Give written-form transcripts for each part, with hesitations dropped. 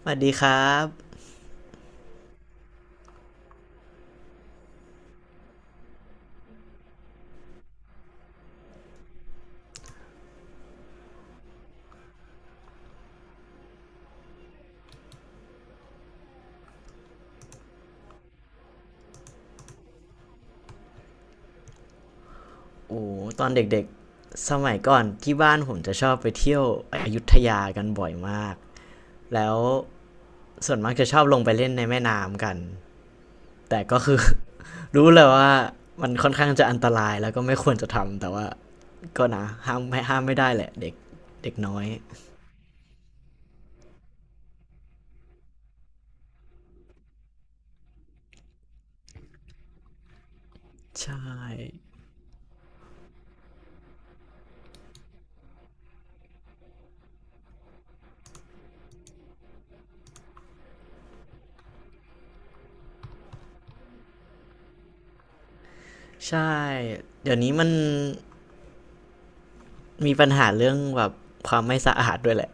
สวัสดีครับโอ้ตอนเด็กๆสมัยก่อนที่บ้านผมจะชอบไปเที่ยวอยุธยากันบ่อยมากแล้วส่วนมากจะชอบลงไปเล่นในแม่น้ำกันแต่ก็คือ รู้เลยว่ามันค่อนข้างจะอันตรายแล้วก็ไม่ควรจะทำแต่ว่าก็นะห้ามไม่ได้แหละเด็กเด็กน้อยใช่ใช่เดี๋ยวนี้มันมีปัญหาเรื่องแบบความไม่สะอาดด้วยแหละ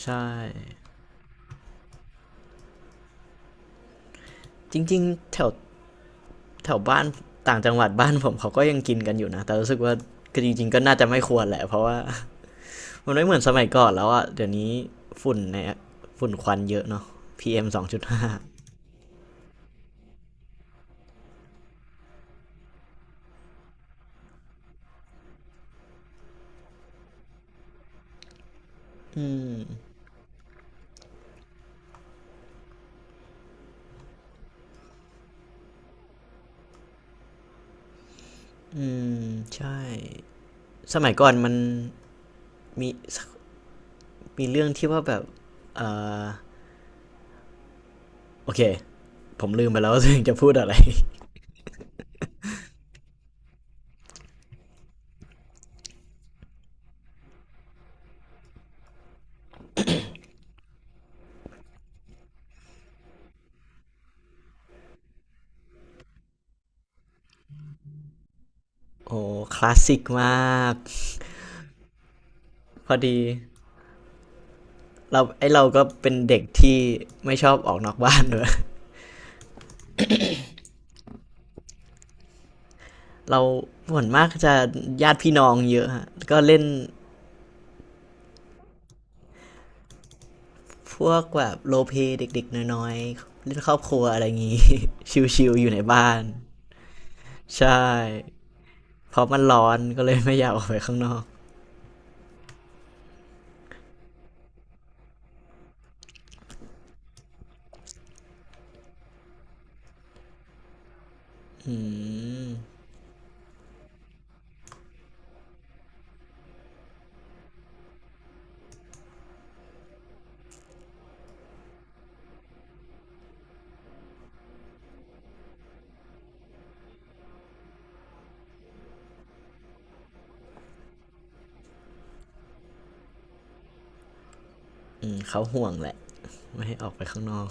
ใช่จริงๆแถว แถวบ้านต่างจังหวัดบ้านผมเขาก็ยังกินกันอยู่นะแต่รู้สึกว่าก็จริงๆก็น่าจะไม่ควรแหละเพราะว่ามันไม่เหมือนสมัยก่อนแล้วอ่ะเดี๋ยวนี้ฝุ่นในฝุ่นควันเยอะเนาะพีเอ m 2.5องจุดห้าอืมใช่สมัยก่อนมันมีมีเรื่องที่ว่าแบบโอเคผมลืมไปแล้วว่าตัวเองจะพูดอะไรโอ้คลาสสิกมากพอดีเราก็เป็นเด็กที่ไม่ชอบออกนอกบ้านด้วยเราส่วนมากจะญาติพี่น้องเยอะฮะก็เล่น พวกแบบโรลเพลย์เด็กๆน้อยๆเล่นครอบครัวอะไรอย่างงี้ ชิวๆอยู่ในบ้านใช่เพราะมันร้อนก็เลยไม่อยากออกไปข้างนอกอืมอืมเขาห่วงแหละไม่ให้ออกไปข้างนอก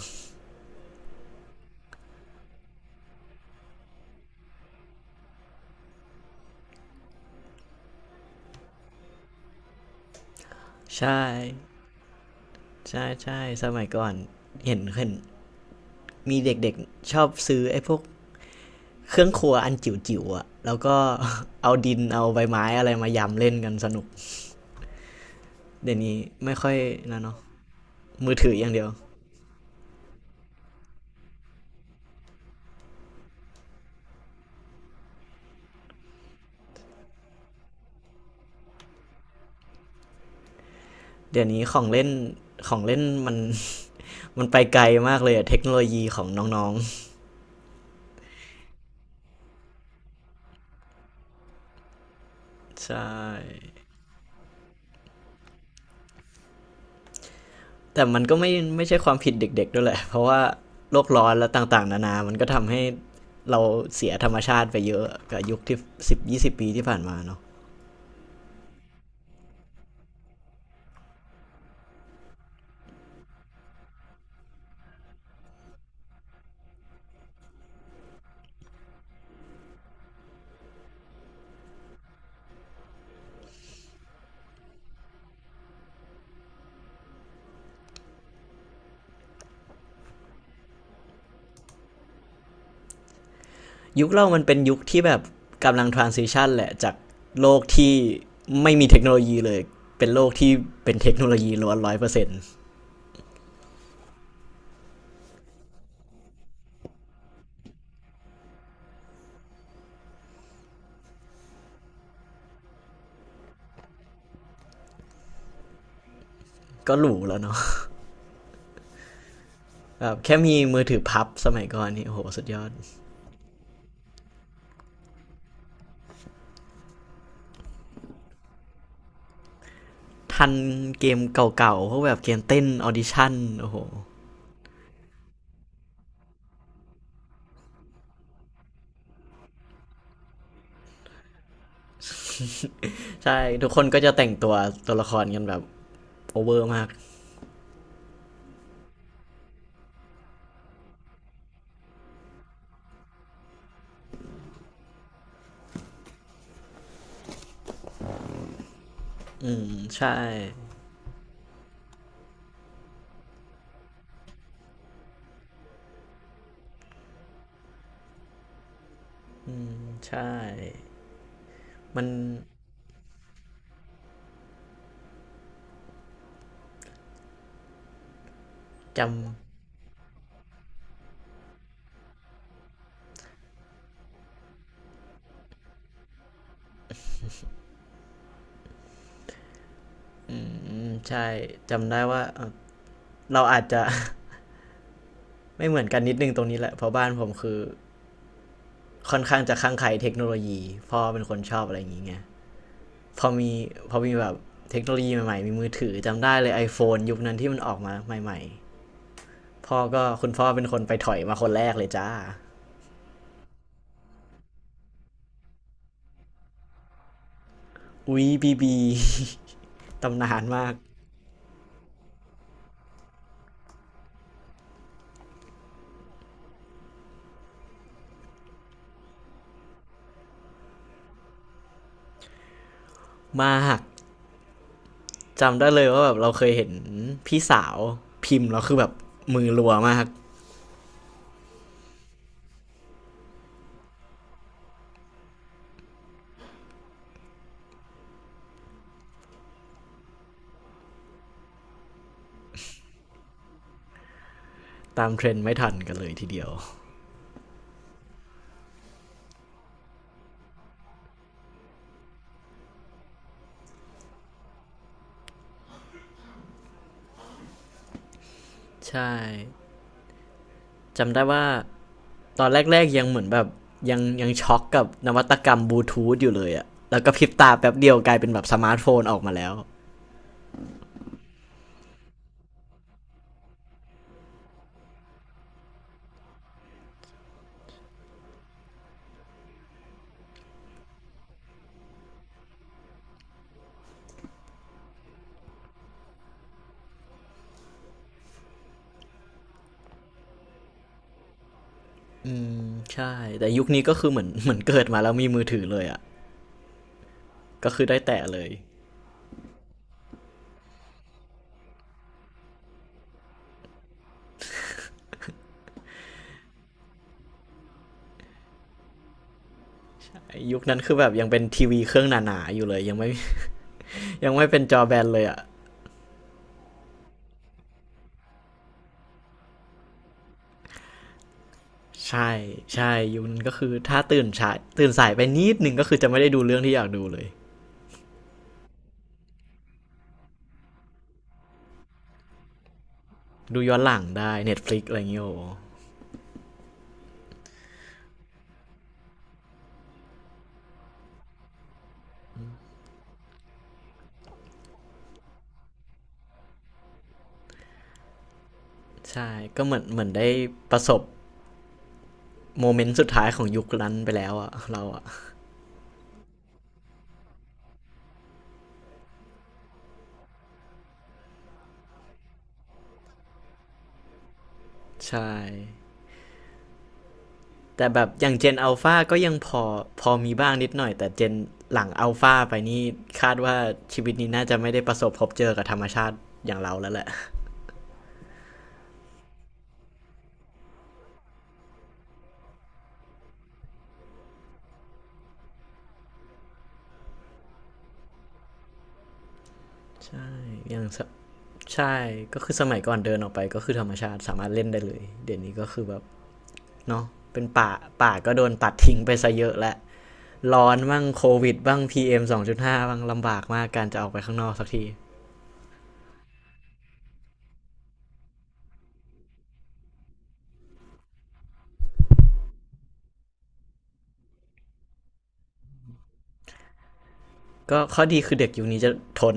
ใช่ใช่สมัยก่อนเห็นมีเด็กๆชอบซื้อไอ้พวกเครื่องครัวอันจิ๋วๆอะแล้วก็ เอาดินเอาใบไม้อะไรมายำเล่นกันสนุกเดี๋ยวนี้ไม่ค่อยนะเนาะมือถืออย่างเดียวเดี๋ยวนี้ของเล่นมันไปไกลมากเลยอะเทคโนโลยีของน้องๆใช่แต่มันก็ไม่ใช่ความผิดเด็กๆด้วยแหละเพราะว่าโลกร้อนและต่างๆนานามันก็ทำให้เราเสียธรรมชาติไปเยอะกับยุคที่10-20 ปีที่ผ่านมาเนาะยุคเรามันเป็นยุคที่แบบกำลัง transition แหละจากโลกที่ไม่มีเทคโนโลยีเลยเป็นโลกที่เป็นเทคโนโลยีล้วนร้อยเปอร์เซ็นต์ก็หรูแล้วเนาะแบบแค่มีมือถือพับสมัยก่อนนี่โอ้โหสุดยอด ทันเกมเก่าๆพวกแบบเกมเต้นออดิชั่นโอ้โหใช่ ทุกคนก็จะแต่งตัวตัวละครกันแบบโอเวอร์มาก อืมใช่ ใช่ มันจำ อืมใช่ จำได้ว่าเราอาจจะ ไม่เหมือนกันนิดนึงตรงนี้แหละเพราะบ้านผมคือค่อนข้างจะข้างใครเทคโนโลยี พ่อเป็นคนชอบอะไรอย่างเงี้ยพอมีพอมีแบบเทคโนโลยีใหม่ๆ มีมือถือจำได้เลย iPhone ยุคนั้นที่มันออกมาใหม่ๆพ่อก็คุณพ่อเป็นคนไปถอยมาคนแรกเลยจ้า อุ๊ยบีบี ตำนานมากมากจำได้เลยว่าแบบเราเคยเห็นพี่สาวพิมพ์แล้วคือแบบมือรัวมากตามเทรนด์ไม่ทันกันเลยทีเดียวใช่จำได้ว่าตอนแรกๆยังเหมือนแบบยังช็อกกับนวัตกรรมบลูทูธอยู่เลยอะแล้วก็พริบตาแป๊บเดียวกลายเป็นแบบสมาร์ทโฟนออกมาแล้วใช่แต่ยุคนี้ก็คือเหมือนเกิดมาแล้วมีมือถือเลยอะก็คือได้แตะเลยยุคนั้นคือแบบยังเป็นทีวีเครื่องหนาๆอยู่เลยยังไม่เป็นจอแบนเลยอะ ใช่ใช่ยุคนั้นก็คือถ้าตื่นสายไปนิดหนึ่งก็คือจะไม่ได้ดูเรื่องที่อยากดูเลยดูย้อนหลังได้ Netflix อะไรอย่างเงี้ยโอ้ใช่ก็เหมือนได้ประสบโมเมนต์สุดท้ายของยุคนั้นไปแล้วอะเราอะใช่แต่แบบอย่างเจนอัลฟาก็ยังพอมีบ้างนิดหน่อยแต่เจนหลังอัลฟาไปนี่คาดว่าชีวิตนี้น่าจะไม่ได้ประสบพบเจอกับธรรมชาติอย่างเราแล้วแหละใช่ยังใช่ก็คือสมัยก่อนเดินออกไปก็คือธรรมชาติสามารถเล่นได้เลยเดี๋ยวนี้ก็คือแบบ เนาะเป็นป่า ป่าก็โดนตัดทิ้งไปซะเยอะและ ร้อนบ้างโควิดบ้าง PM 2.5บ้างลำบากมากการจะออกไปข้างนอกสักที ก็ข้อดีคือเด็กยุคนี้จะทน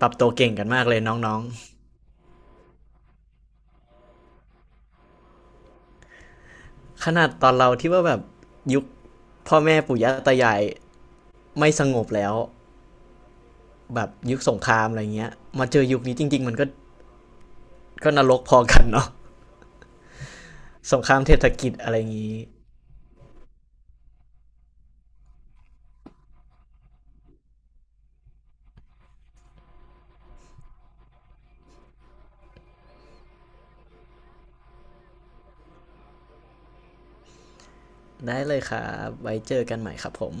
ปรับตัวเก่งกันมากเลยน้องๆขนาดตอนเราที่ว่าแบบยุคพ่อแม่ปู่ย่าตายายไม่สงบแล้วแบบยุคสงครามอะไรเงี้ย มาเจอยุคนี้จริงๆมันก็ก็นรกพอกันเนาะสงครามเศรษฐกิจอะไรอย่างงี้ได้เลยครับไว้เจอกันใหม่ครับผม